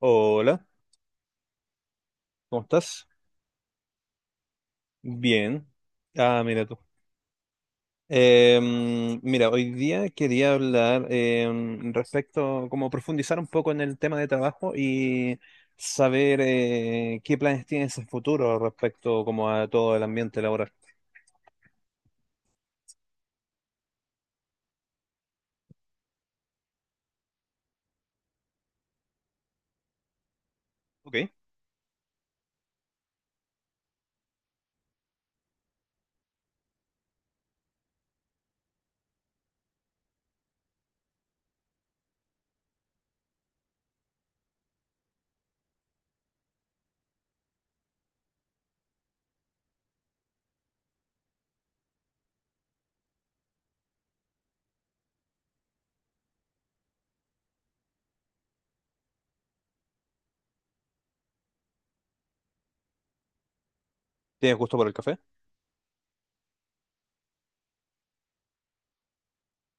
Hola, ¿cómo estás? Bien. Ah, mira tú. Mira, hoy día quería hablar respecto, como profundizar un poco en el tema de trabajo y saber qué planes tienes en futuro respecto como a todo el ambiente laboral. Ok. ¿Tienes gusto por el café?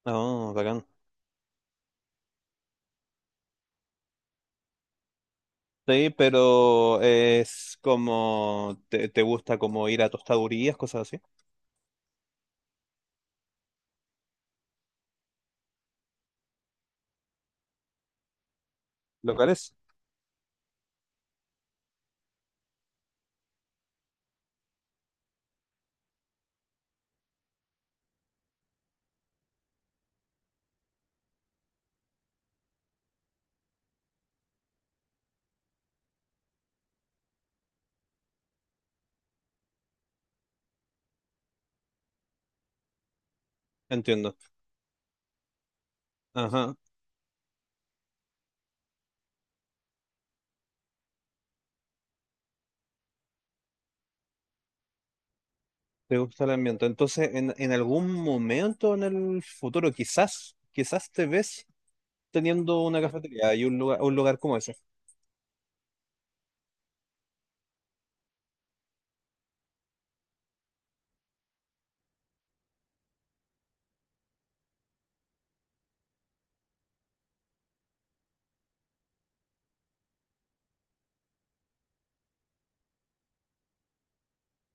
No, bacán. Sí, pero es como, te gusta como ir a tostadurías, cosas así? ¿Locales? Entiendo. Ajá. Te gusta el ambiente. Entonces, en algún momento en el futuro, quizás, quizás te ves teniendo una cafetería y un lugar como ese,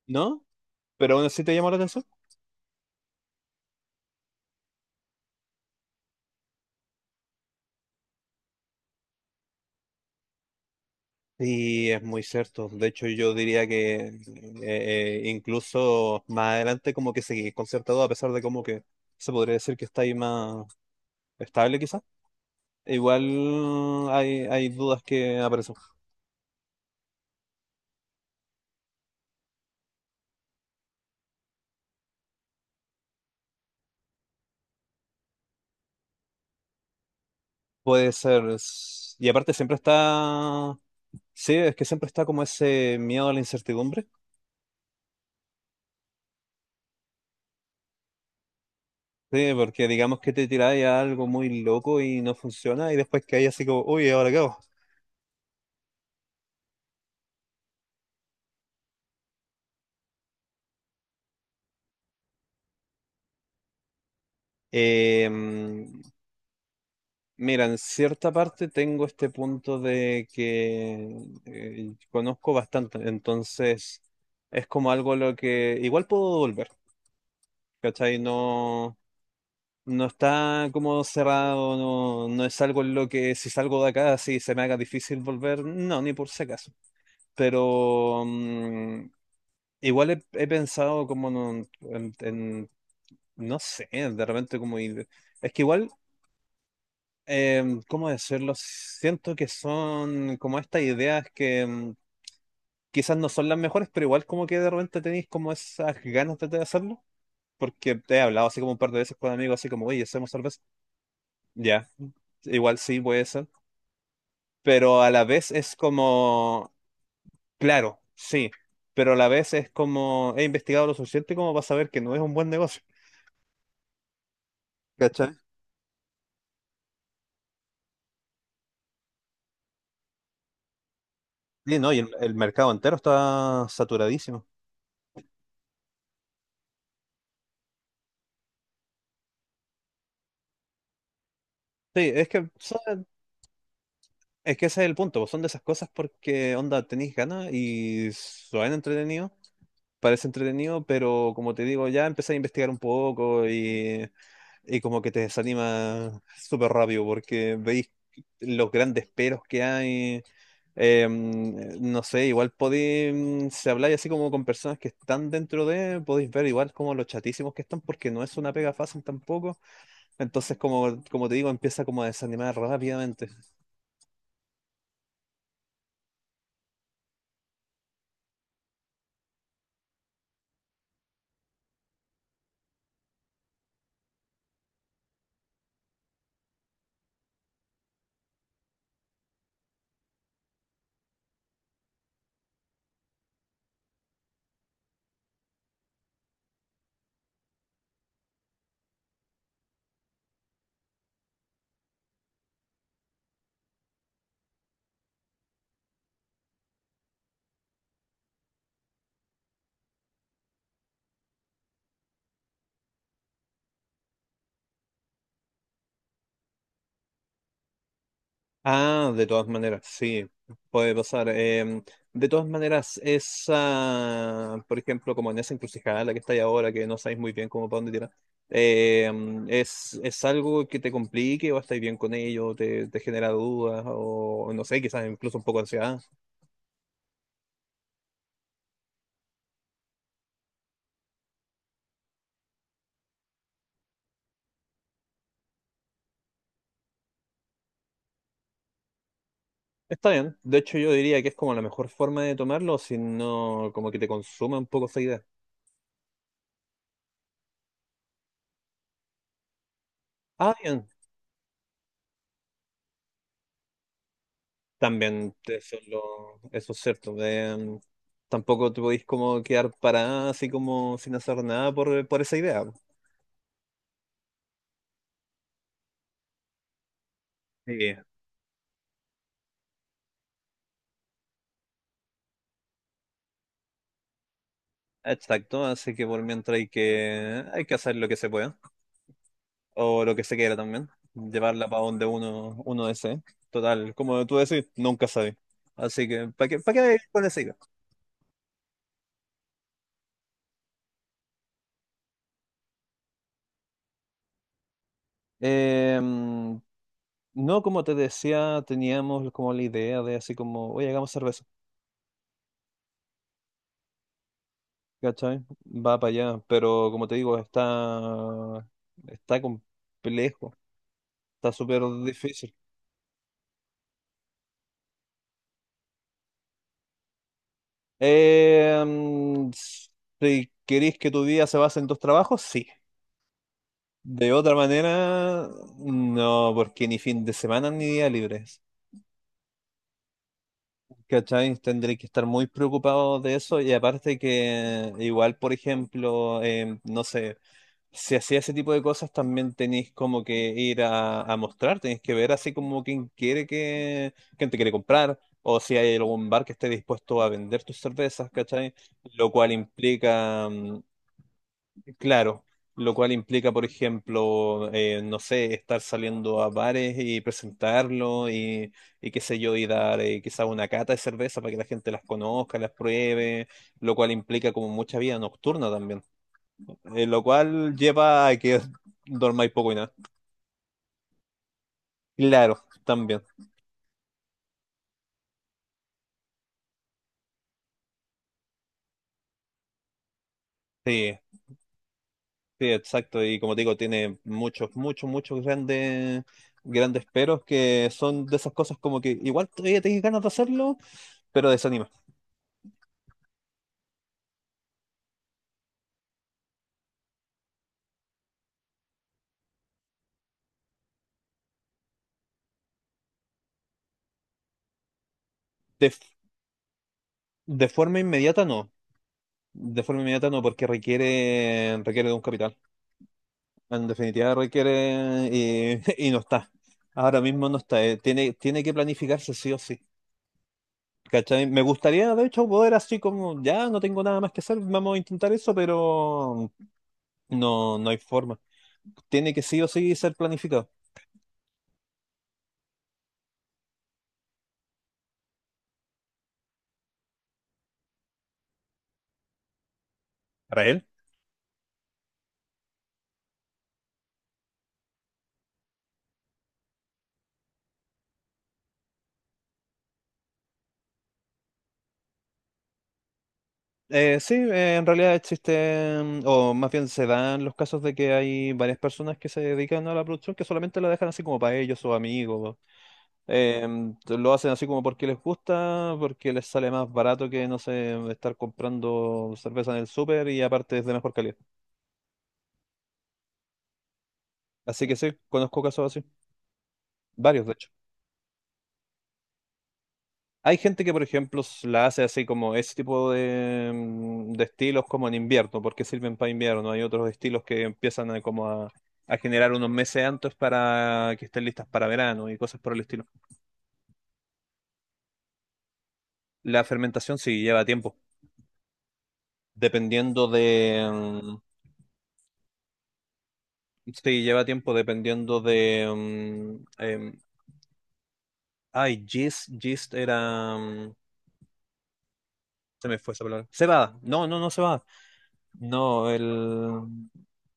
¿no? Pero aún así te llama la atención. Sí, es muy cierto. De hecho, yo diría que incluso más adelante como que seguís concertado, a pesar de como que se podría decir que está ahí más estable quizás. Igual hay dudas que aparecen. Puede ser. Y aparte siempre está. Sí, es que siempre está como ese miedo a la incertidumbre. Sí, porque digamos que te tiráis a algo muy loco y no funciona y después que hay así como, uy, ¿ahora qué hago? Eh, mm, Mira, en cierta parte tengo este punto de que conozco bastante, entonces es como algo a lo que igual puedo volver, ¿cachai? No, no está como cerrado, no, no es algo en lo que si salgo de acá, si se me haga difícil volver, no, ni por si acaso. Pero igual he pensado como en, un- en- no sé, de repente como. Es que igual, eh, ¿cómo decirlo? Siento que son como estas ideas que quizás no son las mejores, pero igual como que de repente tenéis como esas ganas de hacerlo. Porque te he hablado así como un par de veces con amigos, así como, oye, hacemos cerveza. Ya, igual sí puede ser. Pero a la vez es como. Claro, sí, pero a la vez es como he investigado lo suficiente como para saber que no es un buen negocio. ¿Cachai? Sí, no, y el mercado entero está saturadísimo. Sí, es que es que ese es el punto, pues, son de esas cosas porque onda tenéis ganas y suena entretenido, parece entretenido, pero como te digo, ya empecé a investigar un poco y como que te desanima súper rápido porque veis los grandes peros que hay. No sé, igual podéis, si habláis así como con personas que están dentro de, podéis ver igual como los chatísimos que están porque no es una pega fácil tampoco. Entonces, como te digo, empieza como a desanimar rápidamente. Ah, de todas maneras, sí, puede pasar. De todas maneras, esa, por ejemplo, como en esa encrucijada la que está estáis ahora, que no sabéis muy bien cómo para dónde tirar, ¿es algo que te complique o estáis bien con ello? ¿Te genera dudas o no sé, quizás incluso un poco de ansiedad? Está bien, de hecho yo diría que es como la mejor forma de tomarlo, si no como que te consuma un poco esa idea. Ah, bien. También eso es, eso es cierto. Tampoco te podéis como quedar parada así como sin hacer nada por esa idea. Sí, exacto. Así que por mientras hay que hacer lo que se pueda o lo que se quiera también. Llevarla para donde uno desee. Total, como tú decís, nunca sabes. Así que, ¿para qué con esa idea? Eh, mm, no, como te decía, teníamos como la idea de así como, oye, hagamos cerveza. ¿Cachai? Va para allá, pero como te digo, está complejo, está súper difícil. Eh, mm, si queréis que tu día se base en tus trabajos, sí. De otra manera, no, porque ni fin de semana ni día libres. ¿Cachai? Tendréis que estar muy preocupado de eso y aparte que igual, por ejemplo, no sé. Si hacía ese tipo de cosas, también tenéis como que ir a mostrar, tenéis que ver así como quién quiere que, quién te quiere comprar, o si hay algún bar que esté dispuesto a vender tus cervezas, ¿cachai? Lo cual implica, claro, lo cual implica, por ejemplo, no sé, estar saliendo a bares y presentarlo y qué sé yo, y dar quizá una cata de cerveza para que la gente las conozca, las pruebe, lo cual implica como mucha vida nocturna también lo cual lleva a que dormáis poco y nada. Claro, también. Sí, sí, exacto. Y como te digo, tiene muchos, muchos, muchos grandes, grandes peros que son de esas cosas como que igual todavía tenés ganas de hacerlo, pero desanima. De, f- de forma inmediata no. De forma inmediata no, porque requiere de un capital. En definitiva requiere y no está. Ahora mismo no está. Tiene que planificarse sí o sí. ¿Cachai? Me gustaría, de hecho, poder así como, ya no tengo nada más que hacer, vamos a intentar eso, pero no, no hay forma. Tiene que sí o sí ser planificado. ¿Para él? Sí, en realidad existen, o más bien se dan los casos de que hay varias personas que se dedican a la producción que solamente la dejan así como para ellos o amigos. Lo hacen así como porque les gusta, porque les sale más barato que, no sé, estar comprando cerveza en el súper y aparte es de mejor calidad. Así que sí, conozco casos así, varios de hecho. Hay gente que, por ejemplo, la hace así como ese tipo de estilos como en invierno, porque sirven para invierno. Hay otros estilos que empiezan a, como a generar unos meses antes para que estén listas para verano y cosas por el estilo. La fermentación sí lleva tiempo, dependiendo de. Sí, lleva tiempo dependiendo de. Ay, gist, gist era. Se me fue esa palabra. Cebada. No, no, no cebada. No, el.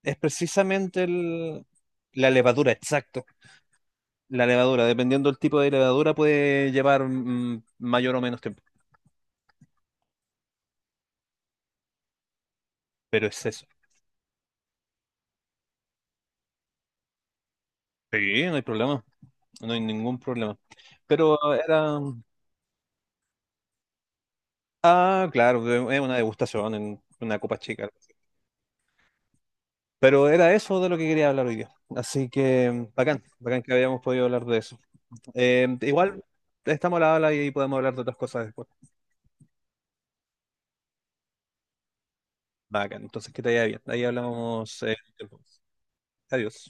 Es precisamente el. La levadura, exacto. La levadura, dependiendo del tipo de levadura, puede llevar mayor o menos tiempo. Pero es eso. Sí, no hay problema. No hay ningún problema. Pero era. Ah, claro, es una degustación en una copa chica. Pero era eso de lo que quería hablar hoy día. Así que bacán, bacán que habíamos podido hablar de eso. Igual estamos a la habla y podemos hablar de otras cosas después. Bacán, entonces que te vaya bien. Ahí hablamos. Adiós.